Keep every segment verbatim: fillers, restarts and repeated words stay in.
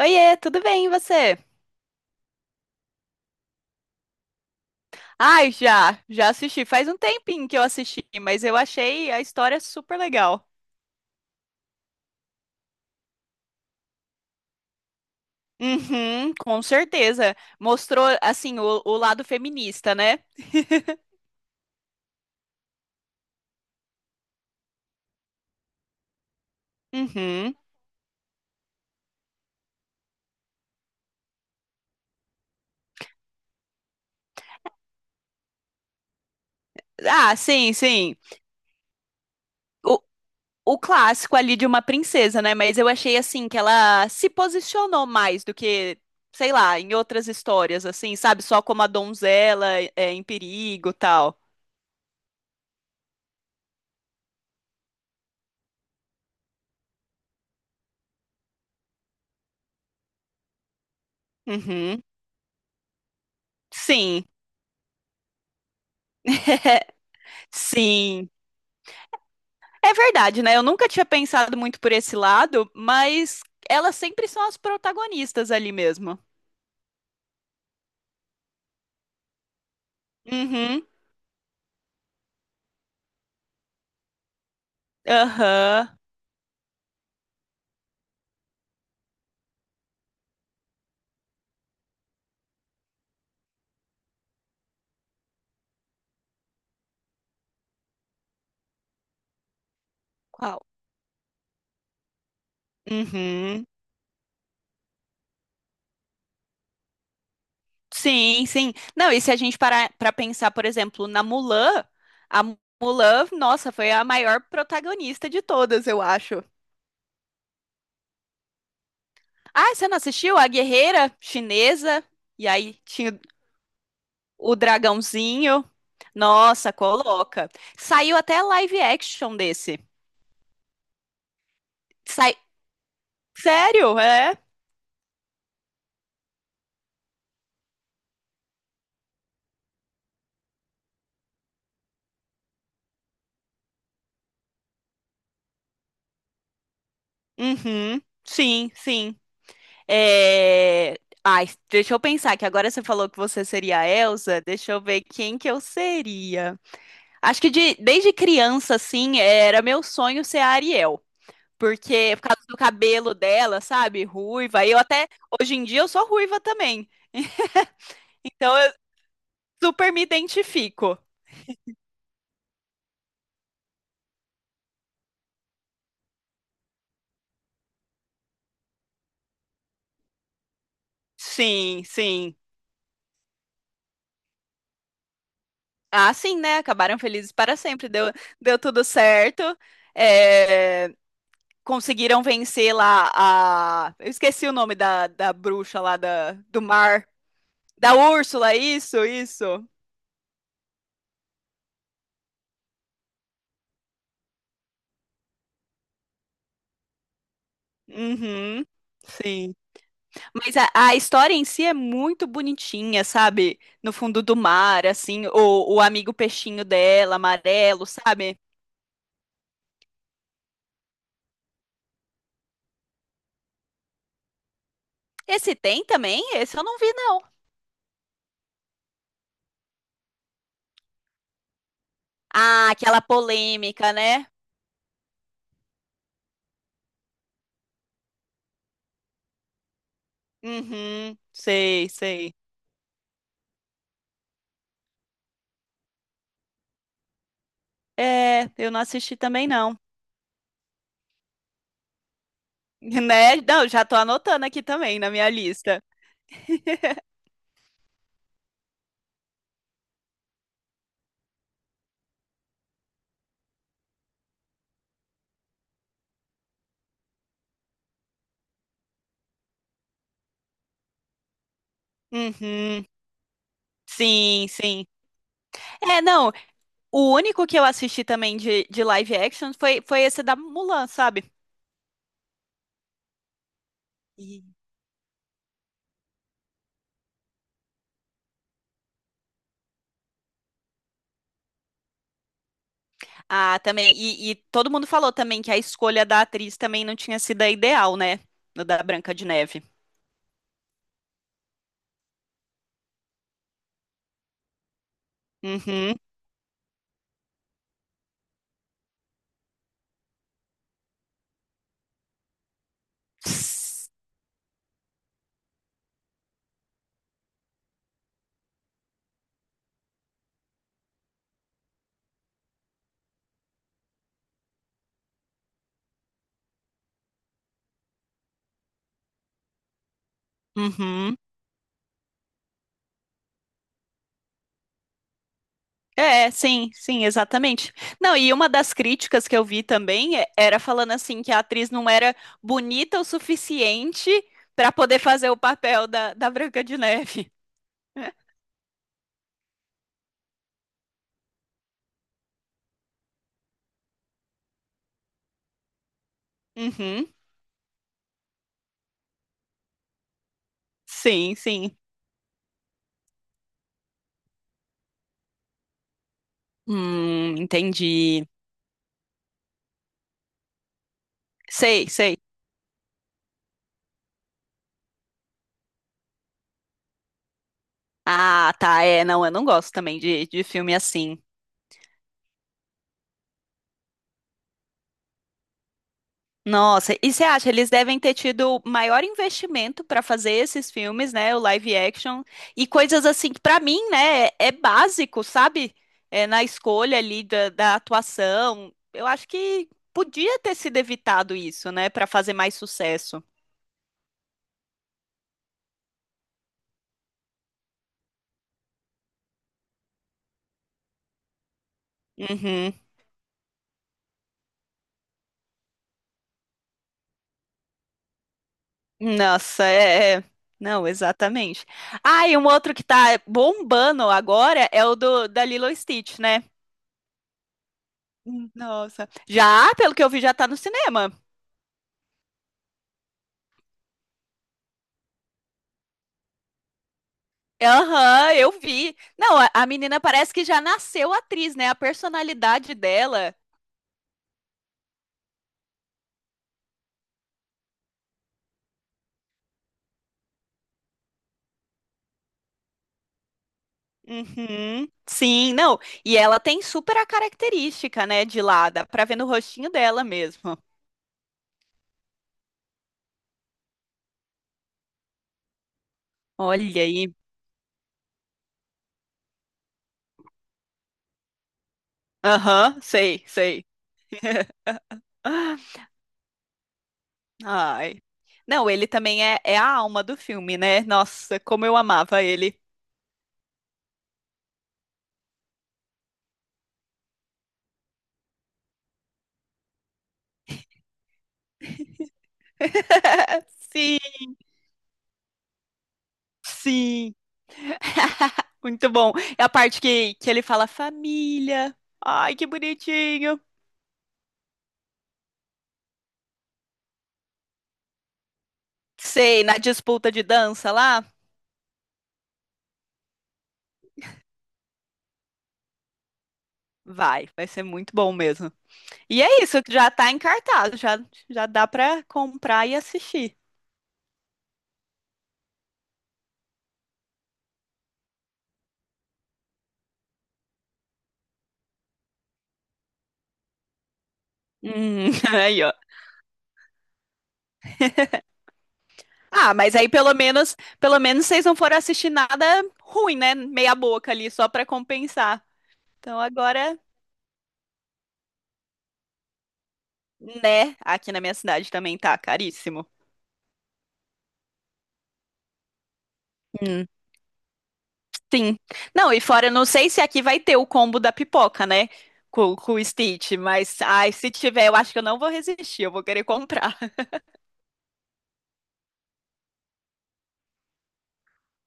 Oiê, tudo bem, e você? Ai, já, já assisti. Faz um tempinho que eu assisti, mas eu achei a história super legal. Uhum, com certeza. Mostrou, assim, o, o lado feminista, né? Uhum. Ah, sim, sim. O, o clássico ali de uma princesa, né? Mas eu achei, assim, que ela se posicionou mais do que, sei lá, em outras histórias, assim, sabe? Só como a donzela é, é em perigo e tal. Uhum. Sim. Sim. É verdade, né? Eu nunca tinha pensado muito por esse lado, mas elas sempre são as protagonistas ali mesmo. Uhum, aham. Qual? Uhum. Sim, sim. Não, e se a gente parar para pensar, por exemplo, na Mulan, a Mulan, nossa, foi a maior protagonista de todas, eu acho. Ah, você não assistiu? A guerreira chinesa, e aí tinha o dragãozinho. Nossa, coloca. Saiu até live action desse. Sai- Sério? É? Uhum. Sim, sim. É... Ai, deixa eu pensar, que agora você falou que você seria a Elsa, deixa eu ver quem que eu seria. Acho que de- desde criança, assim, era meu sonho ser a Ariel. Porque, por causa do cabelo dela, sabe? Ruiva. E eu até, hoje em dia, eu sou ruiva também. Então, eu super me identifico. Sim, sim. Ah, sim, né? Acabaram felizes para sempre. Deu, deu tudo certo. É, conseguiram vencer lá a. Eu esqueci o nome da, da bruxa lá da, do mar. Da Úrsula, isso, isso. Uhum. Sim. Mas a, a história em si é muito bonitinha, sabe? No fundo do mar, assim, o, o amigo peixinho dela, amarelo, sabe? Esse tem também? Esse eu não vi, não. Ah, aquela polêmica, né? Uhum, sei, sei. É, eu não assisti também, não. Né? Não, já tô anotando aqui também na minha lista. Uhum. Sim, sim. É, não, o único que eu assisti também de, de live action foi, foi esse da Mulan, sabe? E- Ah, também. E, e todo mundo falou também que a escolha da atriz também não tinha sido a ideal, né? No da Branca de Neve. Uhum. Ss- Uhum. É, sim, sim, exatamente. Não, e uma das críticas que eu vi também é- era falando assim que a atriz não era bonita o suficiente para poder fazer o papel da, da Branca de Neve. Uhum. Sim, sim. Hum, entendi. Sei, sei. Ah, tá. É, não, eu não gosto também de, de filme assim. Nossa, e você acha, eles devem ter tido maior investimento pra fazer esses filmes, né? O live action e coisas assim que pra mim, né, é é básico, sabe? É na escolha ali da, da atuação. Eu acho que podia ter sido evitado isso, né, pra fazer mais sucesso. Uhum. Nossa, é, é. Não, exatamente. Ah, e um outro que tá bombando agora é o do da Lilo e Stitch, né? Hum, nossa. Já, pelo que eu vi, já tá no cinema. Aham, eu vi. Não, a, a menina parece que já nasceu atriz, né? A personalidade dela. Uhum. Sim, não. E ela tem super a característica, né, de lá, dá pra ver no rostinho dela mesmo. Olha aí. Aham, sei, sei. Ai. Não, ele também é, é a alma do filme, né? Nossa, como eu amava ele. Sim, sim. Muito bom. É a parte que, que ele fala família. Ai, que bonitinho. Sei, na disputa de dança lá. Vai, vai ser muito bom mesmo. E é isso, que já tá em cartaz, já, já dá pra comprar e assistir. Hum, aí, ó. Ah, mas aí pelo menos, pelo menos vocês não foram assistir nada ruim, né? Meia boca ali, só pra compensar. Então agora, né, aqui na minha cidade também tá caríssimo. Hum, sim. Não, e fora, eu não sei se aqui vai ter o combo da pipoca, né? Com, com o Stitch, mas ai, se tiver, eu acho que eu não vou resistir, eu vou querer comprar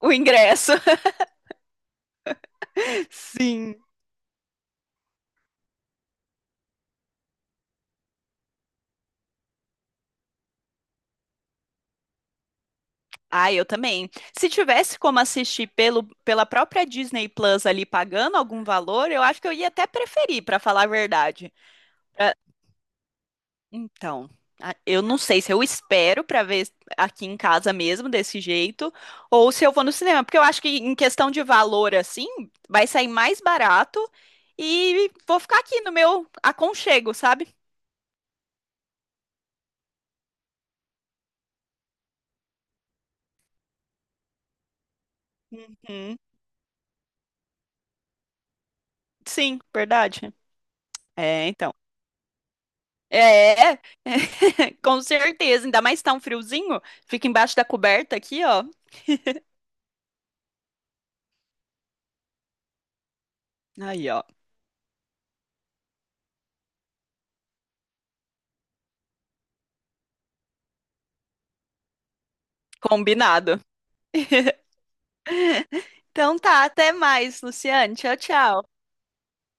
o ingresso. Sim. Ah, eu também. Se tivesse como assistir pelo, pela própria Disney Plus ali pagando algum valor, eu acho que eu ia até preferir, pra falar a verdade. Então, a- eu não sei se eu espero pra ver aqui em casa mesmo desse jeito ou se eu vou no cinema, porque eu acho que em questão de valor assim, vai sair mais barato e vou ficar aqui no meu aconchego, sabe? Uhum. Sim, verdade. É, então. É, é. Com certeza. Ainda mais tá um friozinho, fica embaixo da coberta aqui, ó. Aí, ó. Combinado. Então tá, até mais, Luciane. Tchau, tchau.